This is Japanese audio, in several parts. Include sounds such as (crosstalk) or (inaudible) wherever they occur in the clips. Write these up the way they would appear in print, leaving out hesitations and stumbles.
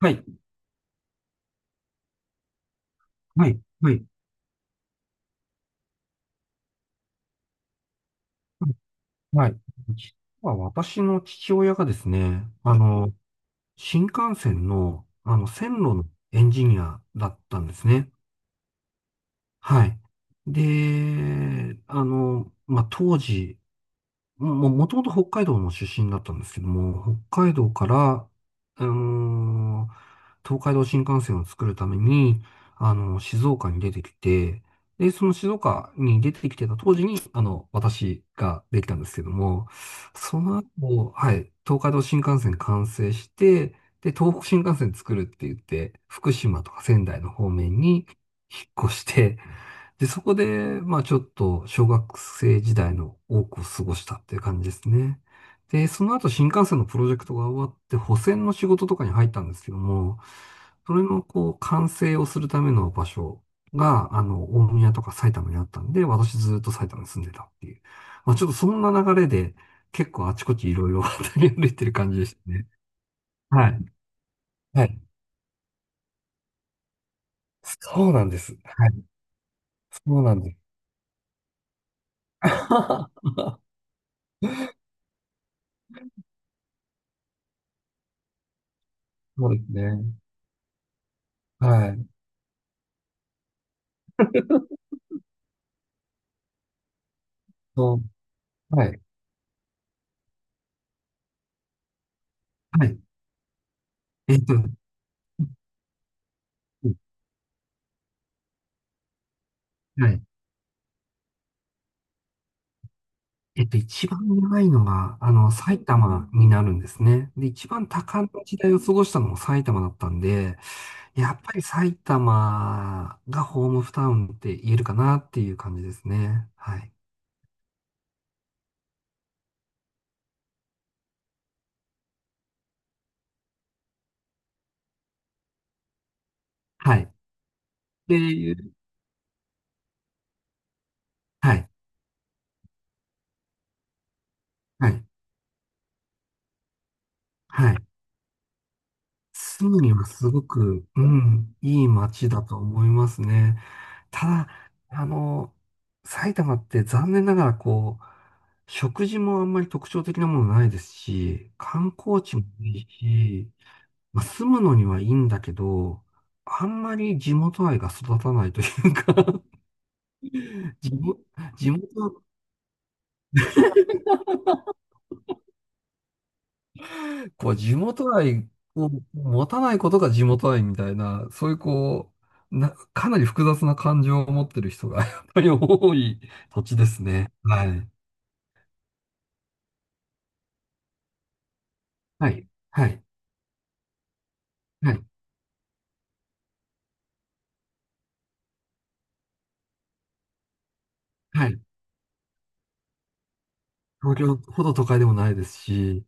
はい、はい、はい、はい。実は私の父親がですね、新幹線の、線路のエンジニアだったんですね。はい。で、まあ、当時、もともと北海道の出身だったんですけども、北海道から、あのー東海道新幹線を作るために、静岡に出てきて、で、その静岡に出てきてた当時に、私ができたんですけども、その後、はい、東海道新幹線完成して、で、東北新幹線作るって言って、福島とか仙台の方面に引っ越して、で、そこで、まあちょっと小学生時代の多くを過ごしたっていう感じですね。で、その後新幹線のプロジェクトが終わって、保線の仕事とかに入ったんですけども、それのこう、完成をするための場所が、大宮とか埼玉にあったんで、私ずっと埼玉に住んでたっていう。まあちょっとそんな流れで、結構あちこちいろいろ渡り歩いてる感じでしたね。はい。はい。そうなんです。はい。そうなんです。(laughs) そうですね。はい。そう。はい。はい。えっと、うんはい。一番長いのが、埼玉になるんですね。で、一番多感な時代を過ごしたのも埼玉だったんで、やっぱり埼玉がホームタウンって言えるかなっていう感じですね。はい。はい。で、はい。はい。はい。住むにはすごく、うん、いい街だと思いますね。ただ、埼玉って残念ながらこう、食事もあんまり特徴的なものないですし、観光地もいいし、まあ、住むのにはいいんだけど、あんまり地元愛が育たないというか (laughs) 地元、地元、こう、地元愛を持たないことが地元愛みたいな、そういうこう、かなり複雑な感情を持ってる人が (laughs) やっぱり多い土地ですね。はい。はい。はい。はい。はい。東京ほど都会でもないですし、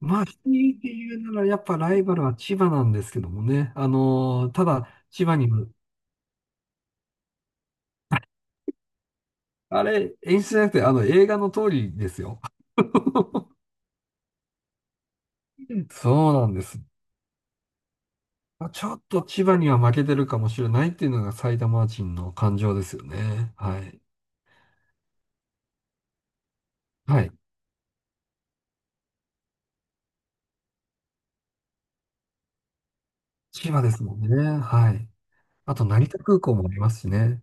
まあ、人っていうなら、やっぱライバルは千葉なんですけどもね。ただ、千葉にもあれ、演出じゃなくて、映画の通りですよ。(laughs) そうなんです。まあちょっと千葉には負けてるかもしれないっていうのが埼玉人の感情ですよね。はい。はい。千葉ですもんね。はい。あと、成田空港もありますしね。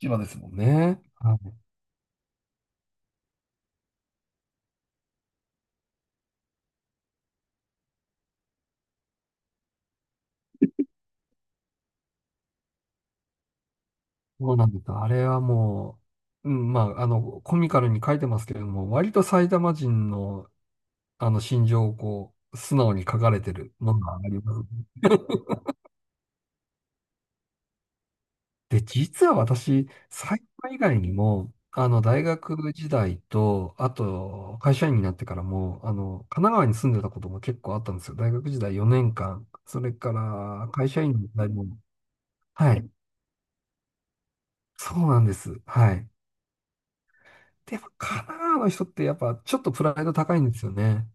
千葉ですもんね。はいそうなんです。あれはもう、うん、まあ、コミカルに書いてますけれども、割と埼玉人の、心情をこう、素直に書かれてるものがあります。で、実は私、埼玉以外にも、大学時代と、あと、会社員になってからも、神奈川に住んでたことも結構あったんですよ。大学時代4年間、それから会社員の時代も、はい、そうなんです。はい。で、やっぱ神奈川の人ってやっぱちょっとプライド高いんですよね。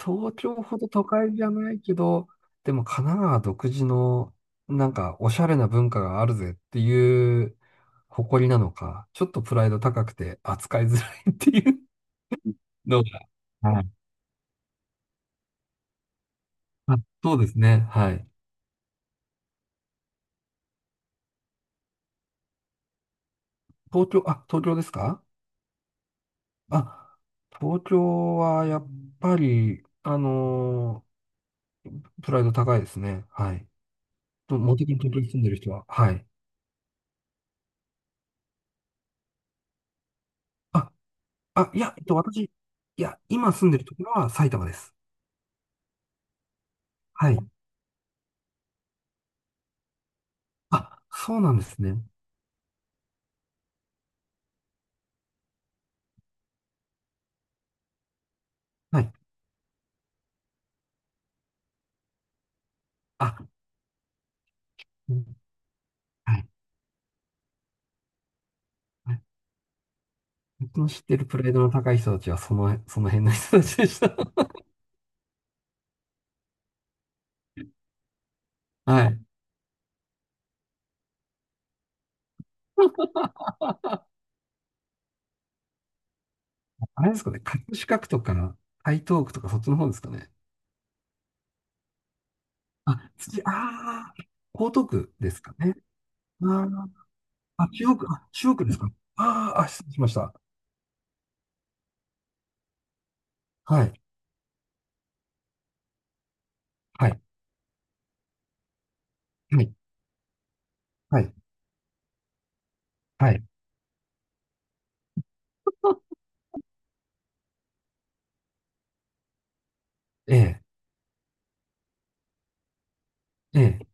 東京ほど都会じゃないけど、でも神奈川独自のなんかおしゃれな文化があるぜっていう誇りなのか、ちょっとプライド高くて扱いづらいっていうのが。はい。あ、そうですね。はい。東京、あ、東京ですかあ、東京はやっぱり、プライド高いですね。はい。と、茂木に東京に住んでる人は。はい。あ、あ、いや、私、いや、今住んでるところは埼玉です。はい。あ、そうなんですね。はい。あ、うんはい。はい僕の知ってるプライドの高い人たちは、その辺の人たちでした。(laughs) はい。あれですかね、葛飾区とか、台東区とか、そっちの方ですかね。あ、次、江東区ですかね。あー、あ、中央区、あ、中央区ですか。あ、失礼しました。はい。はい。はい。はい。はい。ええ、ええ、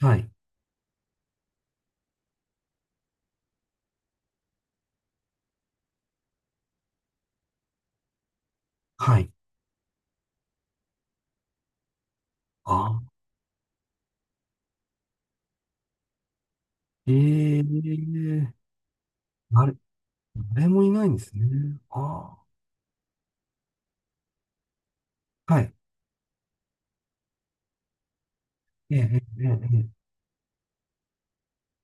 はい。はい。あー、ええ、あれ、誰もいないんですね。ー。はいええ、ええ、ええ。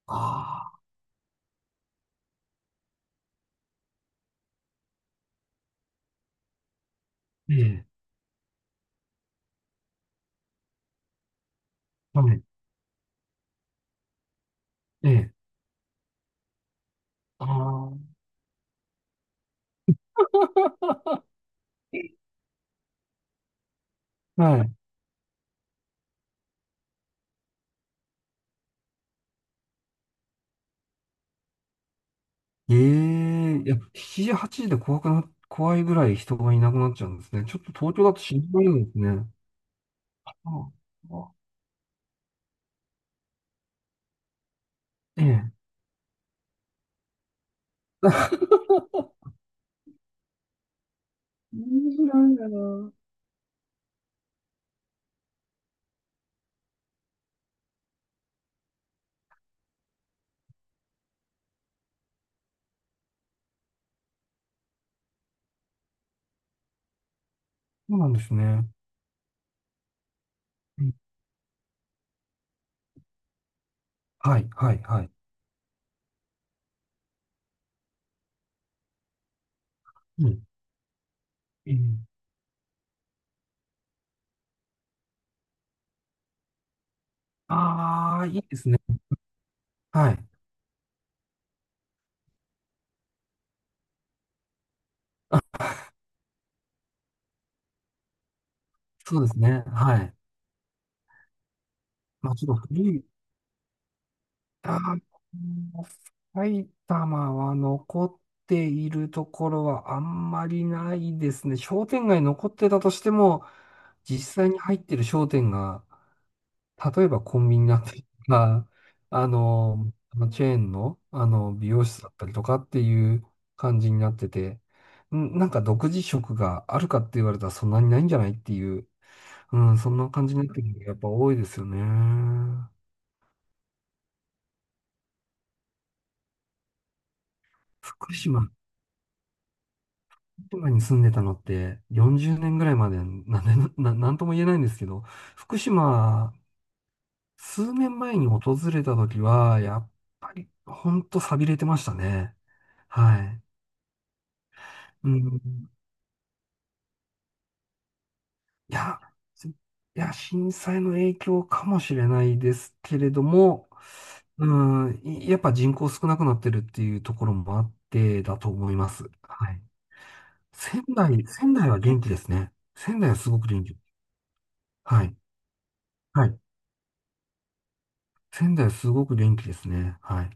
ああ、ええ、はい、ええ、ああ、はい。ええ、いや、7時、8時で怖くな、怖いぐらい人がいなくなっちゃうんですね。ちょっと東京だと心配なんですね。ああ、ええ。(laughs) 信じられないな。そうなんですね。うんはい、はい、はい。うん。ええああ、いいですね。はい。そうですね。はい。まあ、ちょっと古いあーもう埼玉は残っているところはあんまりないですね。商店街残ってたとしても、実際に入ってる商店が、例えばコンビニだったりとか、あのチェーンの、美容室だったりとかっていう感じになってて、なんか独自色があるかって言われたらそんなにないんじゃないっていう、うん、そんな感じになってるのがやっぱ多いですよね。福島島に住んでたのって40年ぐらいまでなんで、なんとも言えないんですけど、福島、数年前に訪れた時は、やっぱり、ほんと寂れてましたね。はい。うん。いや、すい震災の影響かもしれないですけれども、うん、いやっぱ人口少なくなってるっていうところもあってだと思います。はい。仙台、仙台は元気ですね。仙台はすごく元気。はい。はい仙台すごく元気ですね。はい。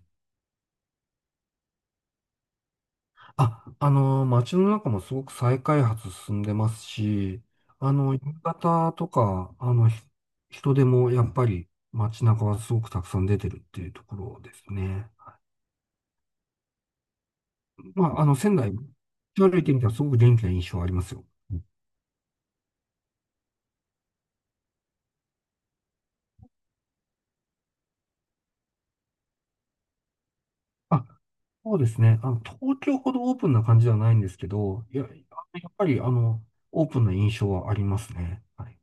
あ、街の中もすごく再開発進んでますし、夕方とか、人でもやっぱり街中はすごくたくさん出てるっていうところですね。まあ、仙台、歩いてみたらすごく元気な印象ありますよ。あ、そうですね。東京ほどオープンな感じではないんですけど、いや、やっぱり、オープンな印象はありますね。はい